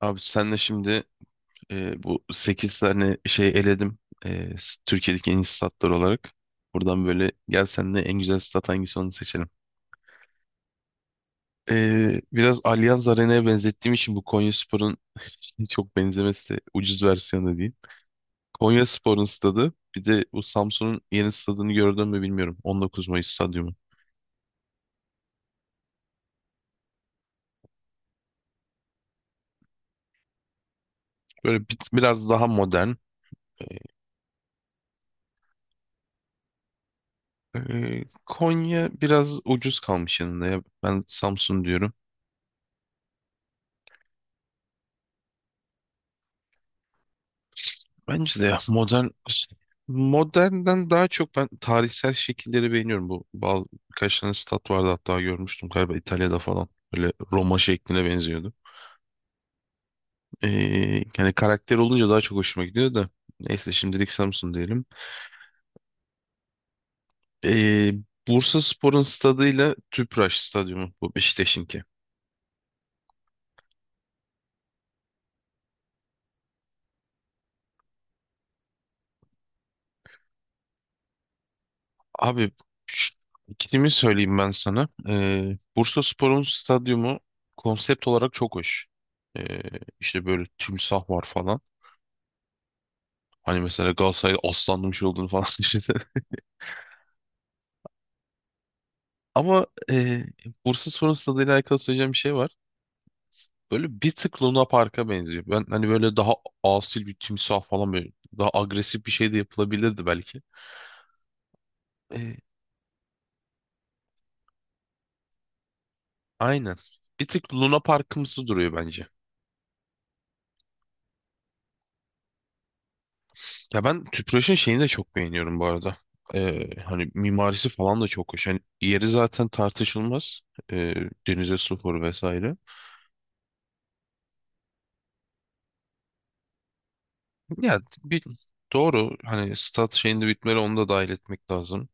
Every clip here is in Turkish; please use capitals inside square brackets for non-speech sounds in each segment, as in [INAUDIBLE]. Abi senle şimdi, bu 8 tane şey eledim. Türkiye'deki en iyi statlar olarak. Buradan böyle gel, senle en güzel stat hangisi onu seçelim. Biraz Allianz Arena'ya benzettiğim için bu Konyaspor'un [LAUGHS] çok benzemesi de, ucuz versiyonu değil. Konyaspor'un stadı, bir de bu Samsun'un yeni stadını gördün mü bilmiyorum. 19 Mayıs stadyumu. Böyle biraz daha modern. Konya biraz ucuz kalmış yanında ya. Ben Samsun diyorum. Bence de ya modernden daha çok ben tarihsel şekilleri beğeniyorum. Bu bal Birkaç tane stat vardı, hatta görmüştüm galiba İtalya'da falan. Böyle Roma şekline benziyordu. Ee, Yani karakter olunca daha çok hoşuma gidiyor da. Neyse, şimdilik Samsun diyelim. Ee, Bursaspor'un stadıyla Tüpraş stadyumu, bu Beşiktaş'ınki. Abi, şu- ikilimi söyleyeyim ben sana. Bursaspor'un stadyumu konsept olarak çok hoş. Ee, işte böyle timsah var falan. Hani mesela Galatasaray'da aslanlı bir şey olduğunu falan [LAUGHS] düşünsene. Ama Bursaspor'un stadıyla alakalı söyleyeceğim bir şey var. Böyle bir tık Luna Park'a benziyor. Ben hani böyle daha asil bir timsah falan, böyle daha agresif bir şey de yapılabilirdi belki. E, aynen. Bir tık Luna Park'ımsı duruyor bence. Ya ben Tüpraş'ın şeyini de çok beğeniyorum bu arada. Hani mimarisi falan da çok hoş. Hani yeri zaten tartışılmaz. E, Denize sıfır vesaire. Ya bir Doğru, hani stat şeyinde bitmeli, onu da dahil etmek lazım.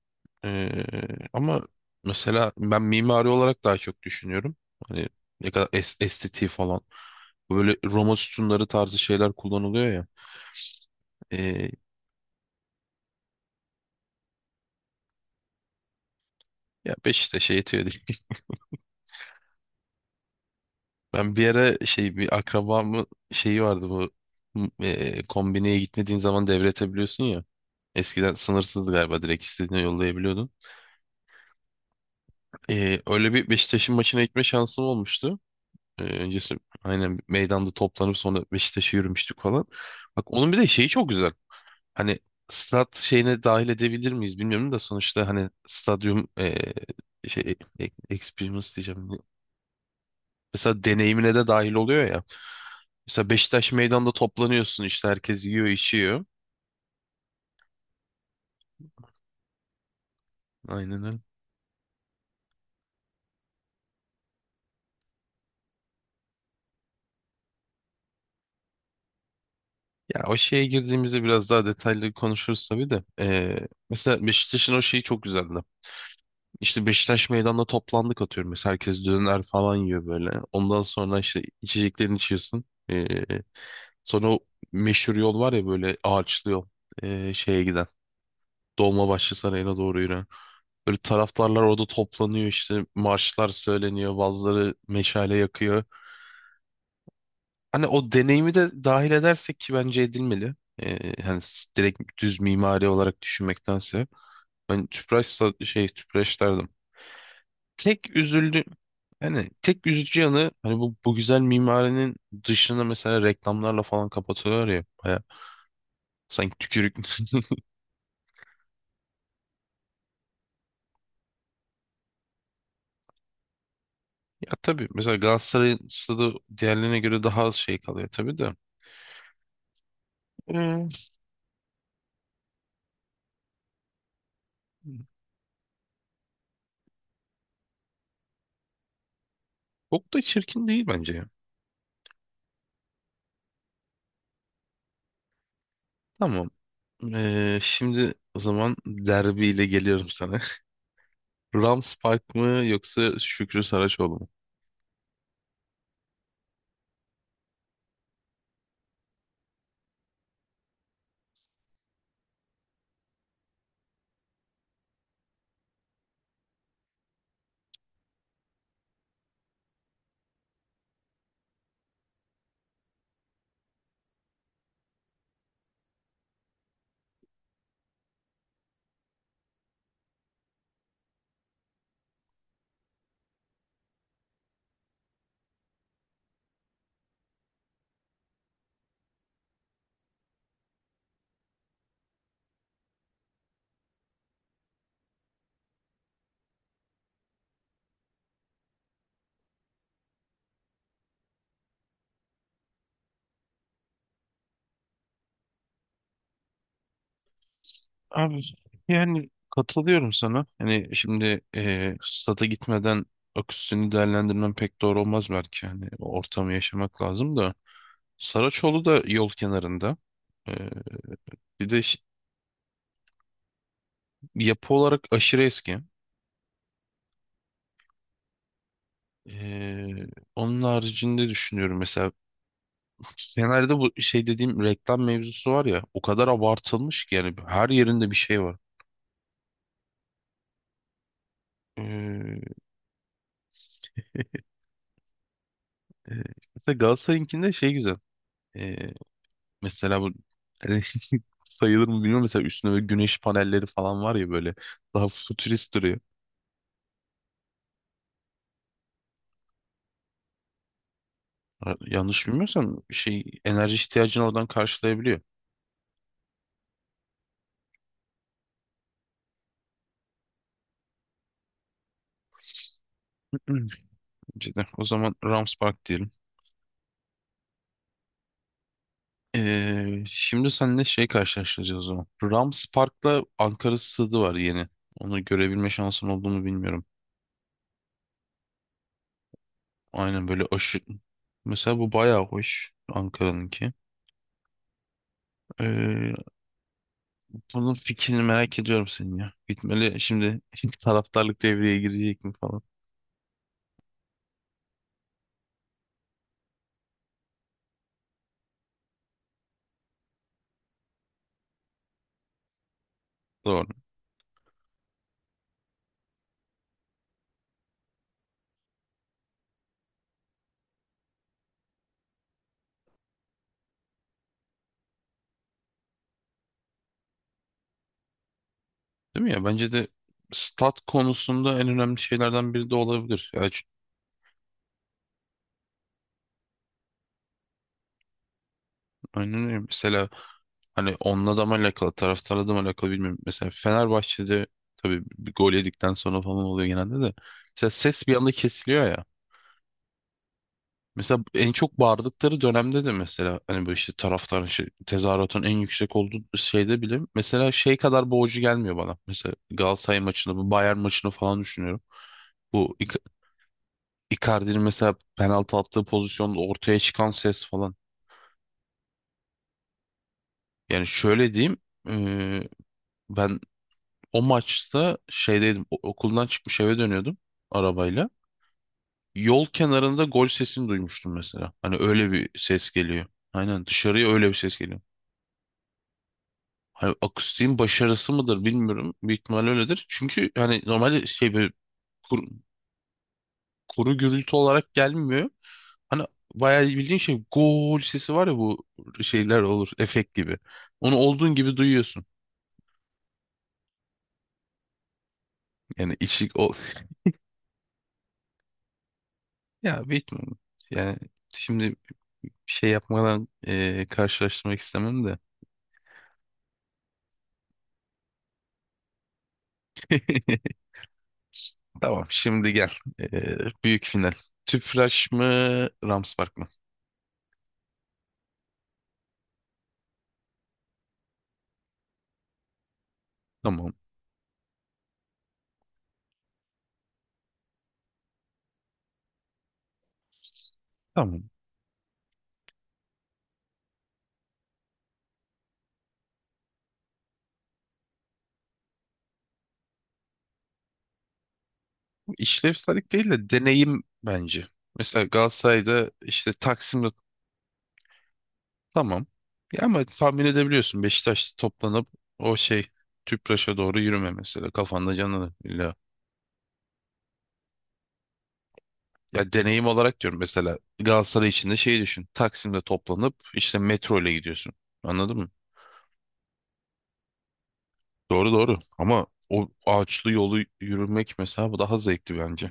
Ee, Ama mesela ben mimari olarak daha çok düşünüyorum. Hani ne kadar estetiği falan. Böyle Roma sütunları tarzı şeyler kullanılıyor ya. Ee, Ya Beşiktaş'a şey yetiyor değil. [LAUGHS] Ben bir ara şey, bir akrabamın şeyi vardı, bu kombineye gitmediğin zaman devretebiliyorsun ya. Eskiden sınırsızdı galiba, direkt istediğine yollayabiliyordun. Öyle bir Beşiktaş'ın maçına gitme şansım olmuştu. Öncesi aynen meydanda toplanıp sonra Beşiktaş'a yürümüştük falan. Bak, onun bir de şeyi çok güzel. Hani stat şeyine dahil edebilir miyiz bilmiyorum da, sonuçta hani stadyum, şey, experience diyeceğim. Mesela deneyimine de dahil oluyor ya. Mesela Beşiktaş meydanda toplanıyorsun, işte herkes yiyor içiyor. Aynen öyle. Ya, o şeye girdiğimizde biraz daha detaylı konuşuruz tabii de. Mesela Beşiktaş'ın o şeyi çok güzeldi. İşte Beşiktaş meydanda toplandık, atıyorum. Mesela herkes döner falan yiyor böyle. Ondan sonra işte içeceklerini içiyorsun. Sonra o meşhur yol var ya, böyle ağaçlı yol. Şeye giden. Dolmabahçe Sarayı'na doğru yürüyen. Böyle taraftarlar orada toplanıyor işte. Marşlar söyleniyor. Bazıları meşale yakıyor. Hani o deneyimi de dahil edersek, ki bence edilmeli. Hani direkt düz mimari olarak düşünmektense. Ben tüpraş sa- şey Tüpraş derdim. Tek üzüldü Yani tek üzücü yanı, hani bu güzel mimarinin dışını mesela reklamlarla falan kapatıyorlar ya, baya sanki tükürük. [LAUGHS] Ya tabii, mesela Galatasaray'ın stadı diğerlerine göre daha az şey kalıyor tabii de. Hmm. Çok da çirkin değil bence ya. Tamam. Şimdi o zaman derbiyle geliyorum sana. [LAUGHS] Rams Park mı yoksa Şükrü Saraçoğlu mu? Abi, yani katılıyorum sana. Hani şimdi stada gitmeden akustisini değerlendirmem pek doğru olmaz belki. Hani o ortamı yaşamak lazım da. Saraçoğlu da yol kenarında. Eee, Bir de yapı olarak aşırı eski. Eee, Onun haricinde düşünüyorum, mesela Fener'de bu şey dediğim reklam mevzusu var ya, o kadar abartılmış ki, yani her yerinde bir şey var. Eee, e, Mesela Galatasaray'ınkinde şey güzel. Eee, Mesela bu [LAUGHS] sayılır mı bilmiyorum. Mesela üstünde böyle güneş panelleri falan var ya, böyle daha futurist duruyor. Ha, yanlış bilmiyorsam şey, enerji ihtiyacını oradan karşılayabiliyor. Hı. Cidden. O zaman Rams Park diyelim. Şimdi seninle şey karşılaştıracağız o zaman. Rams Park'la Ankara Stadı var, yeni. Onu görebilme şansın olduğunu bilmiyorum. Aynen böyle aşı... Mesela bu bayağı hoş Ankara'nınki. Ee, Bunun fikrini merak ediyorum senin ya. Gitmeli şimdi [LAUGHS] taraftarlık devreye girecek mi falan. Doğru. Değil mi ya? Bence de stat konusunda en önemli şeylerden biri de olabilir. Aynen öyle. Mesela hani onunla da mı alakalı, taraftarla da mı alakalı bilmiyorum. Mesela Fenerbahçe'de tabii bir gol yedikten sonra falan oluyor genelde de. Mesela ses bir anda kesiliyor ya. Mesela en çok bağırdıkları dönemde de, mesela hani böyle işte taraftarın şey, tezahüratın en yüksek olduğu şeyde bile mesela şey kadar boğucu gelmiyor bana. Mesela Galatasaray maçını, bu Bayern maçını falan düşünüyorum. Bu Icardi'nin mesela penaltı attığı pozisyonda ortaya çıkan ses falan. Yani şöyle diyeyim, eee, ben o maçta şeydeydim, okuldan çıkmış eve dönüyordum arabayla. Yol kenarında gol sesini duymuştum mesela. Hani öyle bir ses geliyor. Aynen, dışarıya öyle bir ses geliyor. Hani akustiğin başarısı mıdır bilmiyorum. Büyük ihtimal öyledir. Çünkü hani normalde şey, böyle kuru, kuru gürültü olarak gelmiyor. Hani bayağı bildiğin şey gol sesi var ya, bu şeyler olur, efekt gibi. Onu olduğun gibi duyuyorsun. Yani içi o [LAUGHS] ya Batman, yani şimdi bir şey yapmadan karşılaştırmak istemem de. [LAUGHS] Tamam, şimdi gel. E, Büyük final. Tüpraş mı, Ramspark mı? Tamam. Tamam. Bu İşlevsellik değil de deneyim bence. Mesela Galatasaray'da işte Taksim'de... Tamam. Ya, ama tahmin edebiliyorsun, Beşiktaş toplanıp o şey, Tüpraş'a doğru yürüme, mesela kafanda canıyla. Ya deneyim olarak diyorum, mesela Galatasaray için de şeyi düşün. Taksim'de toplanıp işte metro ile gidiyorsun. Anladın mı? Doğru doğru. Ama o ağaçlı yolu yürümek, mesela bu daha zevkli bence.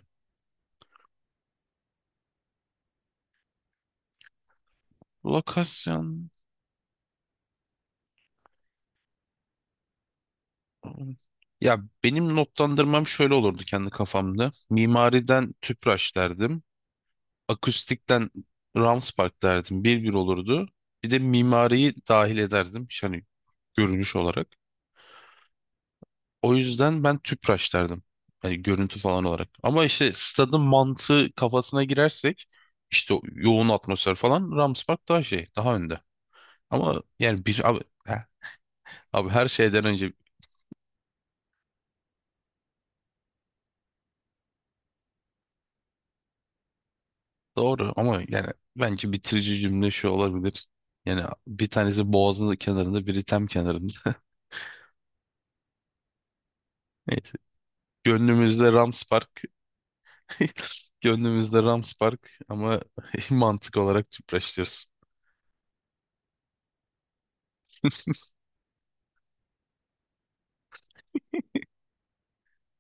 Lokasyon. Ya, benim notlandırmam şöyle olurdu kendi kafamda. Mimariden Tüpraş derdim. Akustikten Rams Park derdim. 1-1 olurdu. Bir de mimariyi dahil ederdim. İşte, hani görünüş olarak. O yüzden ben Tüpraş derdim. Hani görüntü falan olarak. Ama işte stadın mantığı kafasına girersek, işte o yoğun atmosfer falan, Rams Park daha şey, daha önde. Ama yani bir abi, he, abi her şeyden önce doğru. Ama yani bence bitirici cümle şu olabilir. Yani bir tanesi Boğaz'ın kenarında, biri Tem kenarında. [LAUGHS] Neyse. Gönlümüzde Rams Park, [LAUGHS] gönlümüzde Rams Park, ama [LAUGHS] mantık olarak Tüpraş diyoruz.